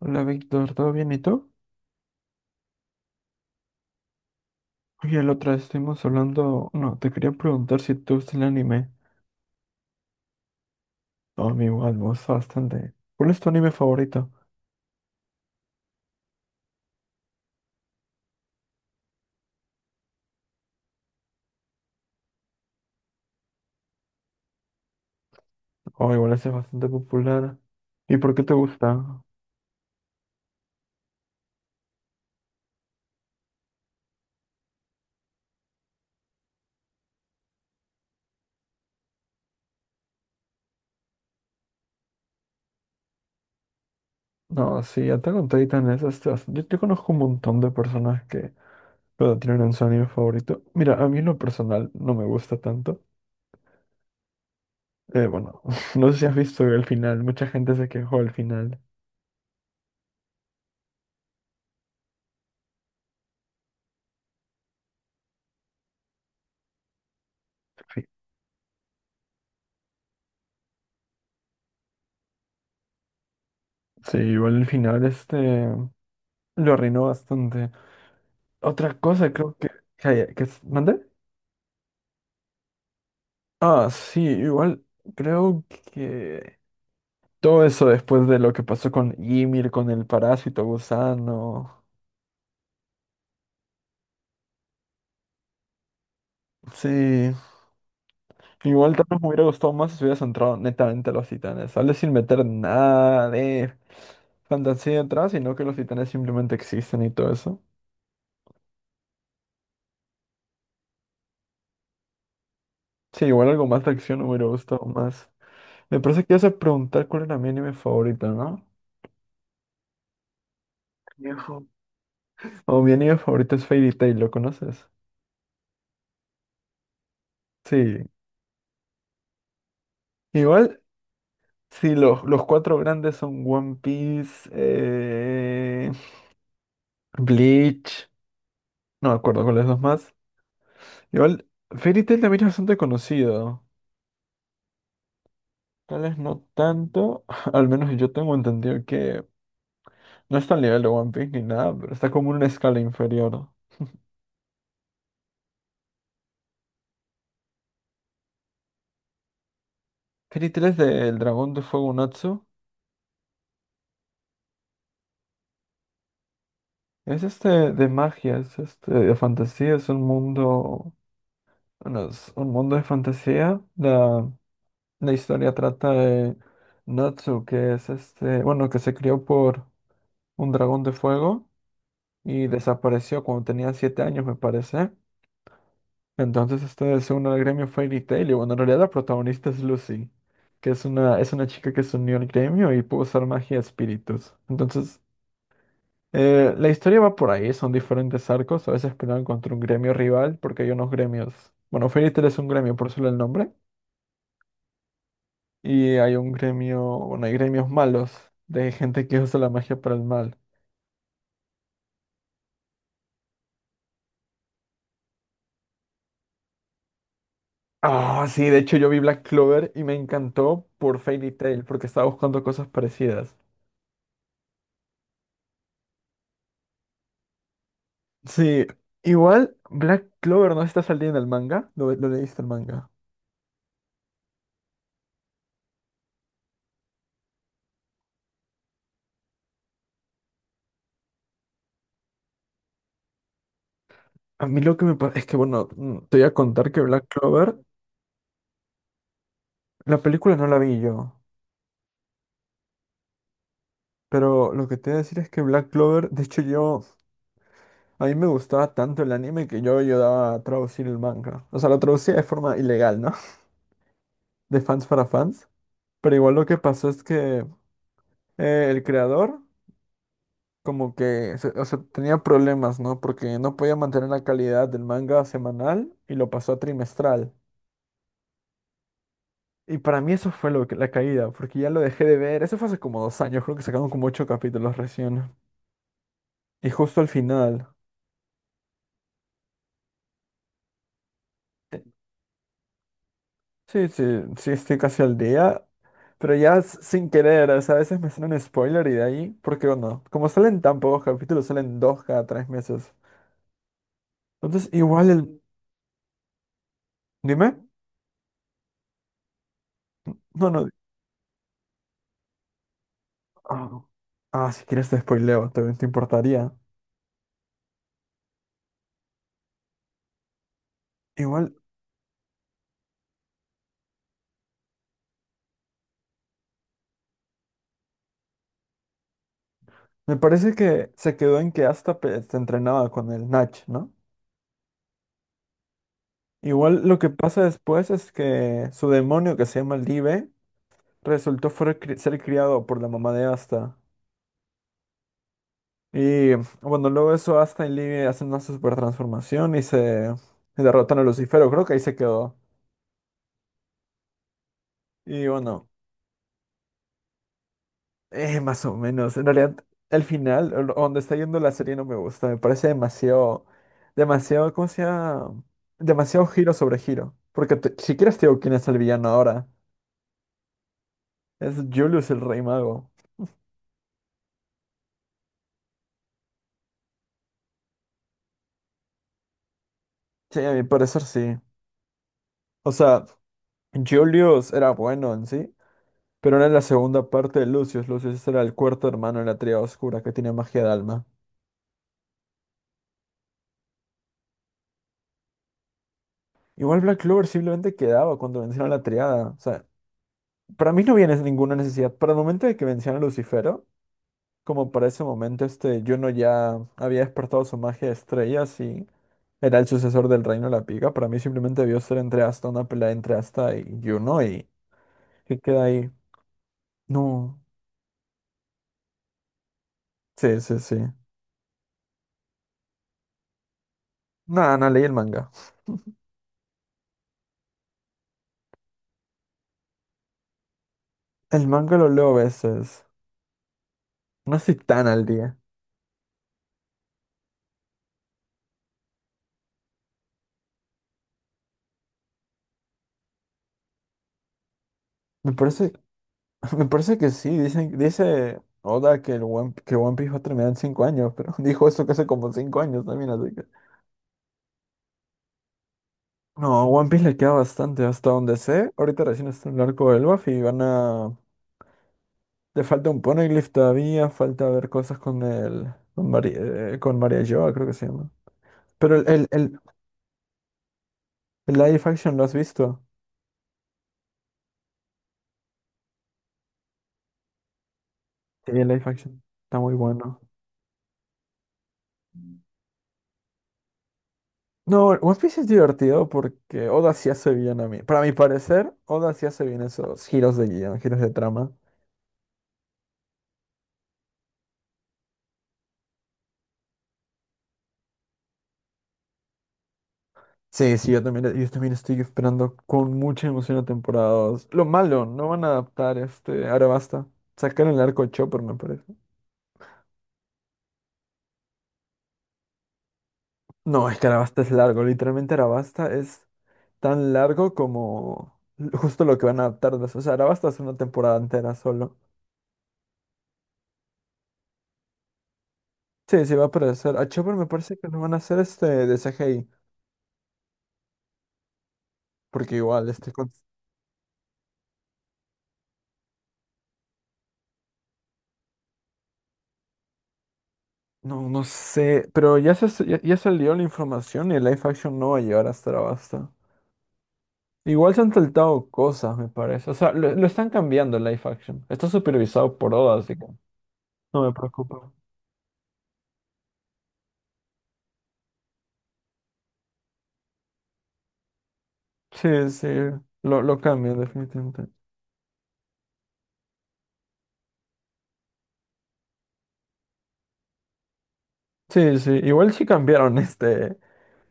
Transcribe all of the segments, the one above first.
Hola Víctor, ¿todo bien y tú? Oye, la otra vez estuvimos hablando. No, te quería preguntar si te gusta el anime. No, a mí igual me gusta bastante. ¿Cuál es tu anime favorito? Oh, igual ese es bastante popular. ¿Y por qué te gusta? No, sí, Attack on Titan es este, bast-. Yo conozco un montón de personas que lo tienen en su anime favorito. Mira, a mí en lo personal no me gusta tanto. Bueno, no sé si has visto el final. Mucha gente se quejó del final. Sí. Sí, igual el final este lo arruinó bastante. Otra cosa creo que... ¿mande? Ah, sí, igual creo que todo eso después de lo que pasó con Ymir, con el parásito gusano. Sí, igual tal vez me hubiera gustado más si hubieras entrado netamente a los titanes. Sale sin meter nada de fantasía atrás, sino que los titanes simplemente existen y todo eso. Sí, igual algo más de acción me hubiera gustado más. Me parece que ibas a preguntar cuál era mi anime favorito, ¿no? Viejo. O mi anime favorito es Fairy Tail, ¿lo conoces? Sí. Igual, si los cuatro grandes son One Piece, Bleach, no me acuerdo cuáles dos más. Igual, Fairy Tail también es bastante conocido. Tal vez no tanto, al menos yo tengo entendido que no está al nivel de One Piece ni nada, pero está como en una escala inferior. Fairy Tail es del dragón de fuego Natsu. Es este de magia, es este de fantasía, es un mundo, bueno, es un mundo de fantasía. La historia trata de Natsu, que es este, bueno, que se crió por un dragón de fuego y desapareció cuando tenía 7 años, me parece. Entonces este se une al gremio Fairy Tail y bueno, en realidad la protagonista es Lucy, que es es una chica que se unió al gremio y pudo usar magia de espíritus. Entonces, la historia va por ahí, son diferentes arcos, a veces pelean contra un gremio rival, porque hay unos gremios. Bueno, Fairy Tail es un gremio, por solo el nombre. Y hay un gremio, bueno, hay gremios malos de gente que usa la magia para el mal. Ah, sí, de hecho yo vi Black Clover y me encantó por Fairy Tail porque estaba buscando cosas parecidas. Sí, igual Black Clover no está saliendo en el manga, lo leíste el manga. A mí lo que me pasa es que, bueno, te voy a contar que Black Clover, la película no la vi yo, pero lo que te voy a decir es que Black Clover, de hecho yo, a mí me gustaba tanto el anime que yo ayudaba a traducir el manga. O sea, lo traducía de forma ilegal, ¿no? De fans para fans. Pero igual lo que pasó es que el creador como que, o sea, tenía problemas, ¿no? Porque no podía mantener la calidad del manga semanal y lo pasó a trimestral. Y para mí eso fue lo que, la caída, porque ya lo dejé de ver. Eso fue hace como 2 años, creo que sacaron como 8 capítulos recién. Y justo al final. eh, Sí, sí, estoy casi al día. Pero ya sin querer, o sea, a veces me salen spoiler y de ahí, porque bueno, como salen tan pocos capítulos, salen dos cada 3 meses. Entonces, dime. No, no. Ah, si quieres te spoileo, también te importaría. Igual, me parece que se quedó en que hasta se entrenaba con el Nach, ¿no? Igual lo que pasa después es que su demonio que se llama Live ser criado por la mamá de Asta. Y bueno, luego eso Asta y Live hacen una super transformación y se derrotan a Lucifero, creo que ahí se quedó. Y bueno. Más o menos. En realidad, el final, o donde está yendo la serie no me gusta. Me parece demasiado, demasiado, ¿cómo se llama? Demasiado giro sobre giro. Porque si quieres te digo quién es el villano ahora. Es Julius el Rey Mago. Sí, a mi parecer sí. O sea, Julius era bueno en sí, pero era la segunda parte de Lucius. Lucius era el cuarto hermano en la triada oscura que tiene magia de alma. Igual Black Clover simplemente quedaba cuando vencieron la triada. O sea, para mí no había ninguna necesidad. Para el momento de que vencieron a Lucifer como para ese momento este Juno ya había despertado su magia de estrellas y era el sucesor del Reino de la Pica, para mí simplemente debió ser entre Asta, una pelea entre Asta y Juno y que queda ahí. No, sí. Nada, no leí el manga. El manga lo leo a veces. No estoy tan al día. Me parece, me parece que sí, dicen, dice Oda que One Piece va a terminar en 5 años, pero dijo eso que hace como 5 años también, así. No, a One Piece le queda bastante hasta donde sé. Ahorita recién está en el arco del Luffy y van a... Le falta un Poneglyph todavía, falta ver cosas con el... con, con María Joa, creo que se llama. Pero el live action, ¿lo has visto? Sí, el live action está muy bueno. No, One Piece es divertido porque Oda sí hace bien a mí. Para mi parecer, Oda sí hace bien esos giros de guión, giros de trama. Sí, sí, yo también estoy esperando con mucha emoción la temporada 2. Lo malo, no van a adaptar este Arabasta. Sacaron el arco de Chopper, me parece. No, es que Arabasta es largo. Literalmente Arabasta es tan largo como justo lo que van a adaptar. De eso. O sea, Arabasta es una temporada entera solo. Sí, sí, va a aparecer. A Chopper me parece que no van a hacer este de CGI. Porque igual, este... no, no sé. Pero ya, ya salió la información y el live action no va a llegar hasta Arabasta. Igual se han saltado cosas, me parece. O sea, lo están cambiando el live action. Está supervisado por Oda, así que no me preocupa. Sí, sí, lo cambian definitivamente. Sí, sí, igual sí cambiaron este.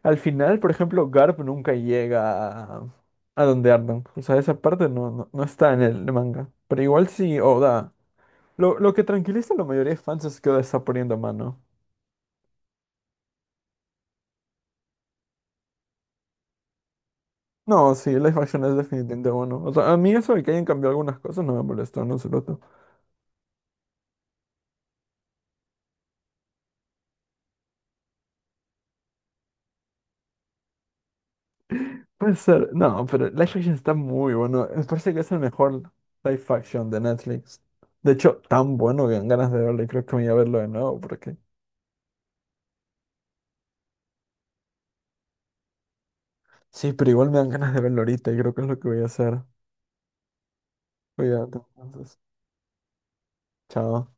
Al final, por ejemplo, Garp nunca llega a donde andan. O sea, esa parte no está en el manga. Pero igual sí, Oda. Lo que tranquiliza a la mayoría de fans es que Oda está poniendo mano. No, sí, live action es definitivamente bueno. O sea, a mí eso de que hayan cambiado algunas cosas no me molestó, no se. Puede ser. No, pero Life Action está muy bueno. Me parece que es el mejor live action de Netflix. De hecho, tan bueno que dan ganas de verlo y creo que me voy a verlo de nuevo porque... Sí, pero igual me dan ganas de verlo ahorita y creo que es lo que voy a hacer. Cuídate, entonces. Chao.